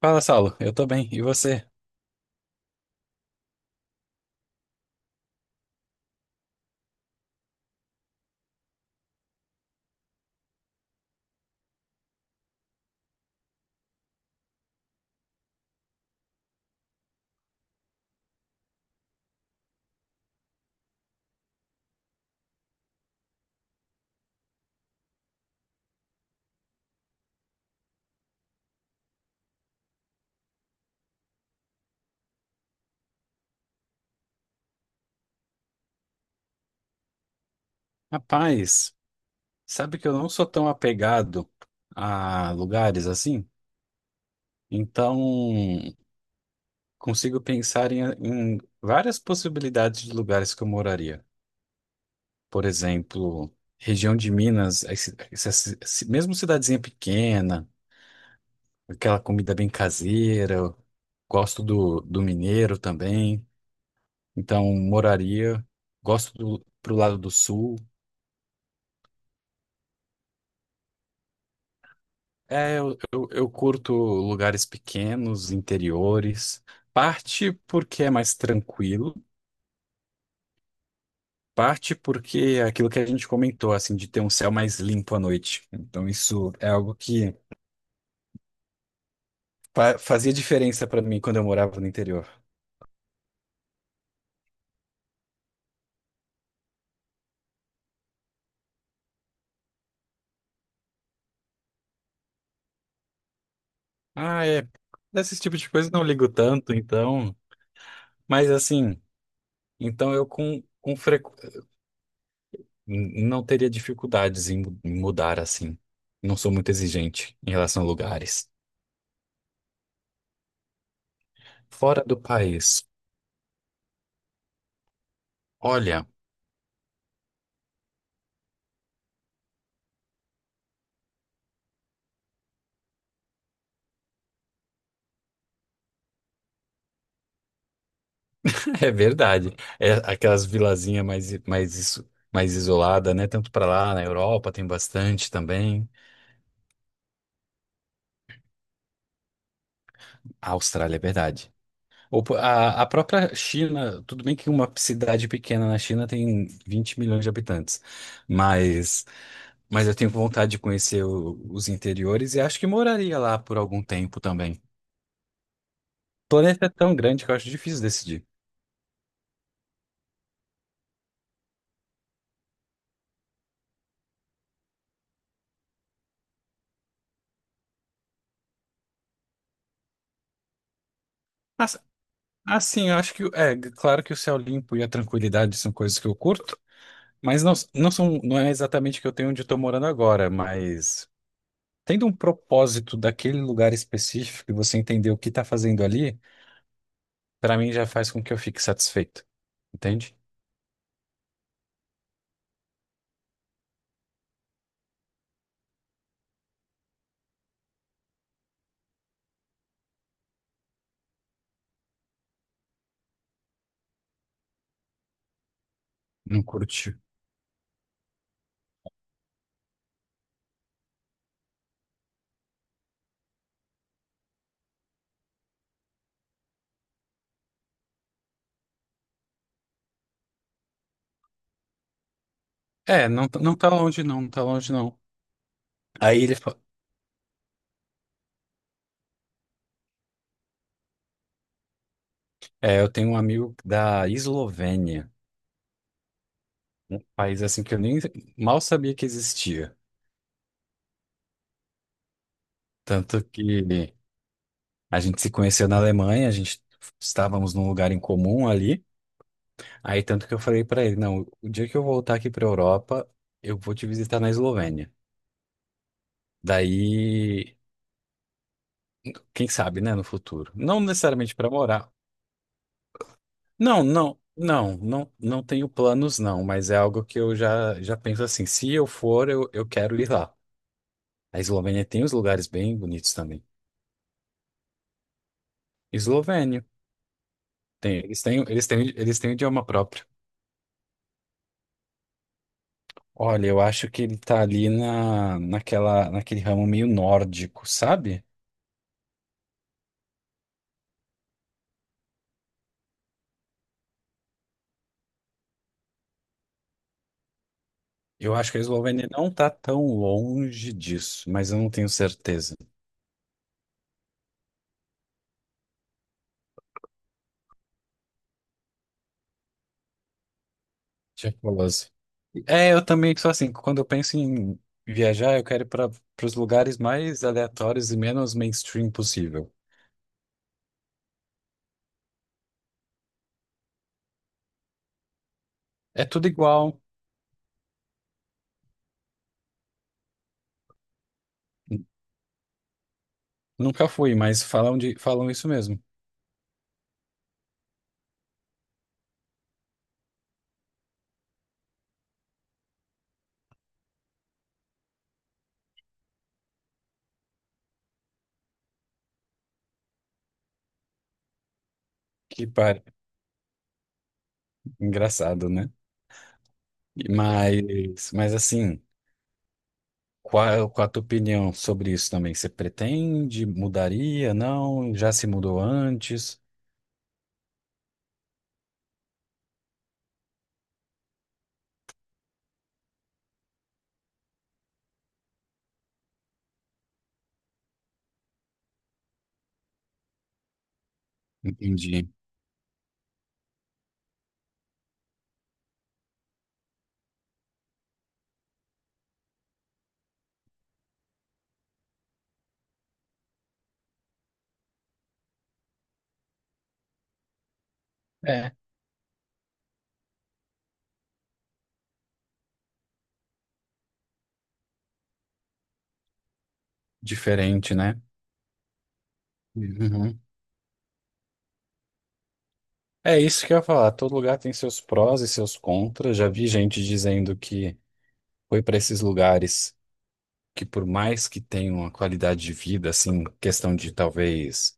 Fala, Saulo. Eu tô bem. E você? Rapaz, sabe que eu não sou tão apegado a lugares assim? Então, consigo pensar em várias possibilidades de lugares que eu moraria. Por exemplo, região de Minas, mesmo cidadezinha pequena, aquela comida bem caseira. Eu Gosto do mineiro também. Então, moraria. Gosto do, pro lado do sul. É, eu curto lugares pequenos, interiores, parte porque é mais tranquilo, parte porque é aquilo que a gente comentou, assim, de ter um céu mais limpo à noite. Então, isso é algo que fazia diferença para mim quando eu morava no interior. Ah, é. Desse tipo de coisa eu não ligo tanto, então. Mas, assim, então eu não teria dificuldades em em mudar, assim. Não sou muito exigente em relação a lugares. Fora do país. Olha. É verdade. É aquelas vilazinhas mais isolada, né? Tanto para lá, na Europa tem bastante também. A Austrália, é verdade. Ou A própria China, tudo bem que uma cidade pequena na China tem 20 milhões de habitantes, mas, mas eu tenho vontade de conhecer os interiores e acho que moraria lá por algum tempo também. O planeta é tão grande que eu acho difícil decidir. Mas, assim, eu acho que, é, claro que o céu limpo e a tranquilidade são coisas que eu curto, mas não é exatamente que eu tenho onde eu tô morando agora, mas tendo um propósito daquele lugar específico e você entender o que está fazendo ali, para mim já faz com que eu fique satisfeito, entende? Não curte. É, não, não tá longe não, não tá longe não. Aí ele fa- é, eu tenho um amigo da Eslovênia, um país assim que eu nem mal sabia que existia. Tanto que a gente se conheceu na Alemanha, a gente estávamos num lugar em comum ali. Aí tanto que eu falei pra ele, não, o dia que eu voltar aqui pra Europa, eu vou te visitar na Eslovênia. Daí, quem sabe, né, no futuro. Não necessariamente pra morar. Não tenho planos não, mas é algo que eu já já penso assim, se eu for, eu quero ir lá. A Eslovênia tem uns lugares bem bonitos também. Eslovênio, tem, eles têm idioma próprio. Olha, eu acho que ele tá ali naquele ramo meio nórdico, sabe? Eu acho que a Eslovênia não tá tão longe disso, mas eu não tenho certeza. Tchecoloslováquia. É, eu também sou assim, quando eu penso em viajar, eu quero ir para os lugares mais aleatórios e menos mainstream possível. É tudo igual. N- Nunca fui, mas falam isso mesmo. Que par... engraçado, né? Mas assim, qual a tua opinião sobre isso também? Você pretende? Mudaria? Não? Já se mudou antes? Entendi. É, diferente, né? Uhum. É isso que eu ia falar. Todo lugar tem seus prós e seus contras. Já vi gente dizendo que foi para esses lugares que, por mais que tenham uma qualidade de vida, assim, questão de talvez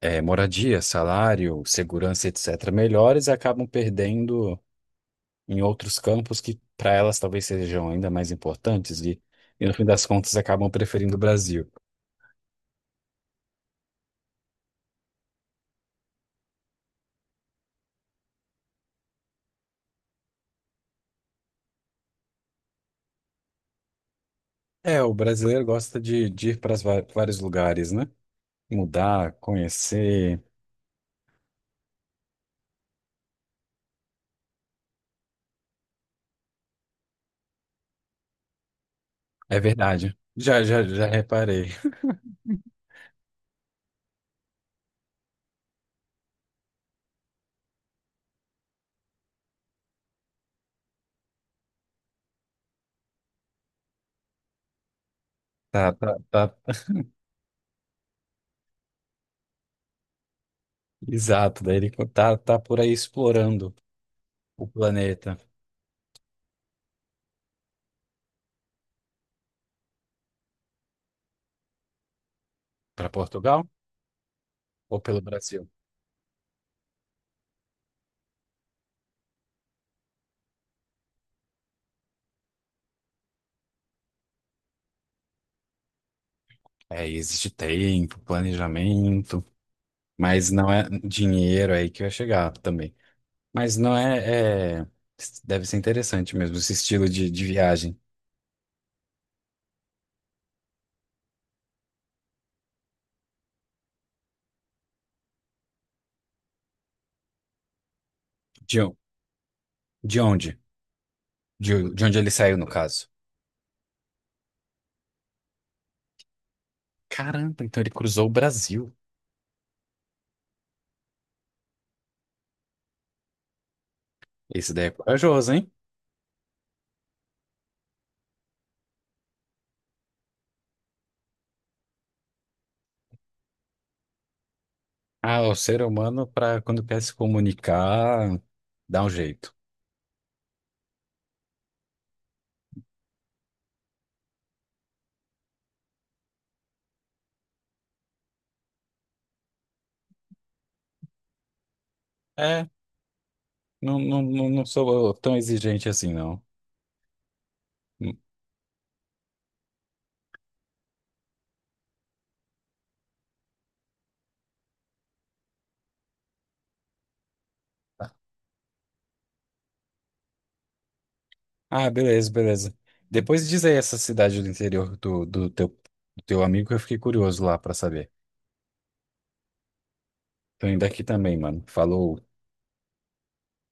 é, moradia, salário, segurança, etc., melhores, acabam perdendo em outros campos que para elas talvez sejam ainda mais importantes e no fim das contas acabam preferindo o Brasil. É, o brasileiro gosta de ir para vários lugares, né? Mudar, conhecer. É verdade. Já reparei. Tá. Exato. Daí ele tá por aí explorando o planeta. Para Portugal ou pelo Brasil? É, existe tempo, planejamento, mas não é dinheiro aí que vai chegar também. Mas não é, deve ser interessante mesmo esse estilo de viagem. De, on- de onde? De onde ele saiu, no caso? Caramba, então ele cruzou o Brasil. Esse daí é corajoso, hein? Ah, o ser humano, para quando quer se comunicar, dá um jeito. É, não sou tão exigente assim, não. Ah, beleza, beleza. Depois diz aí essa cidade do interior do teu amigo que eu fiquei curioso lá pra saber. Tô indo aqui também, mano. Falou.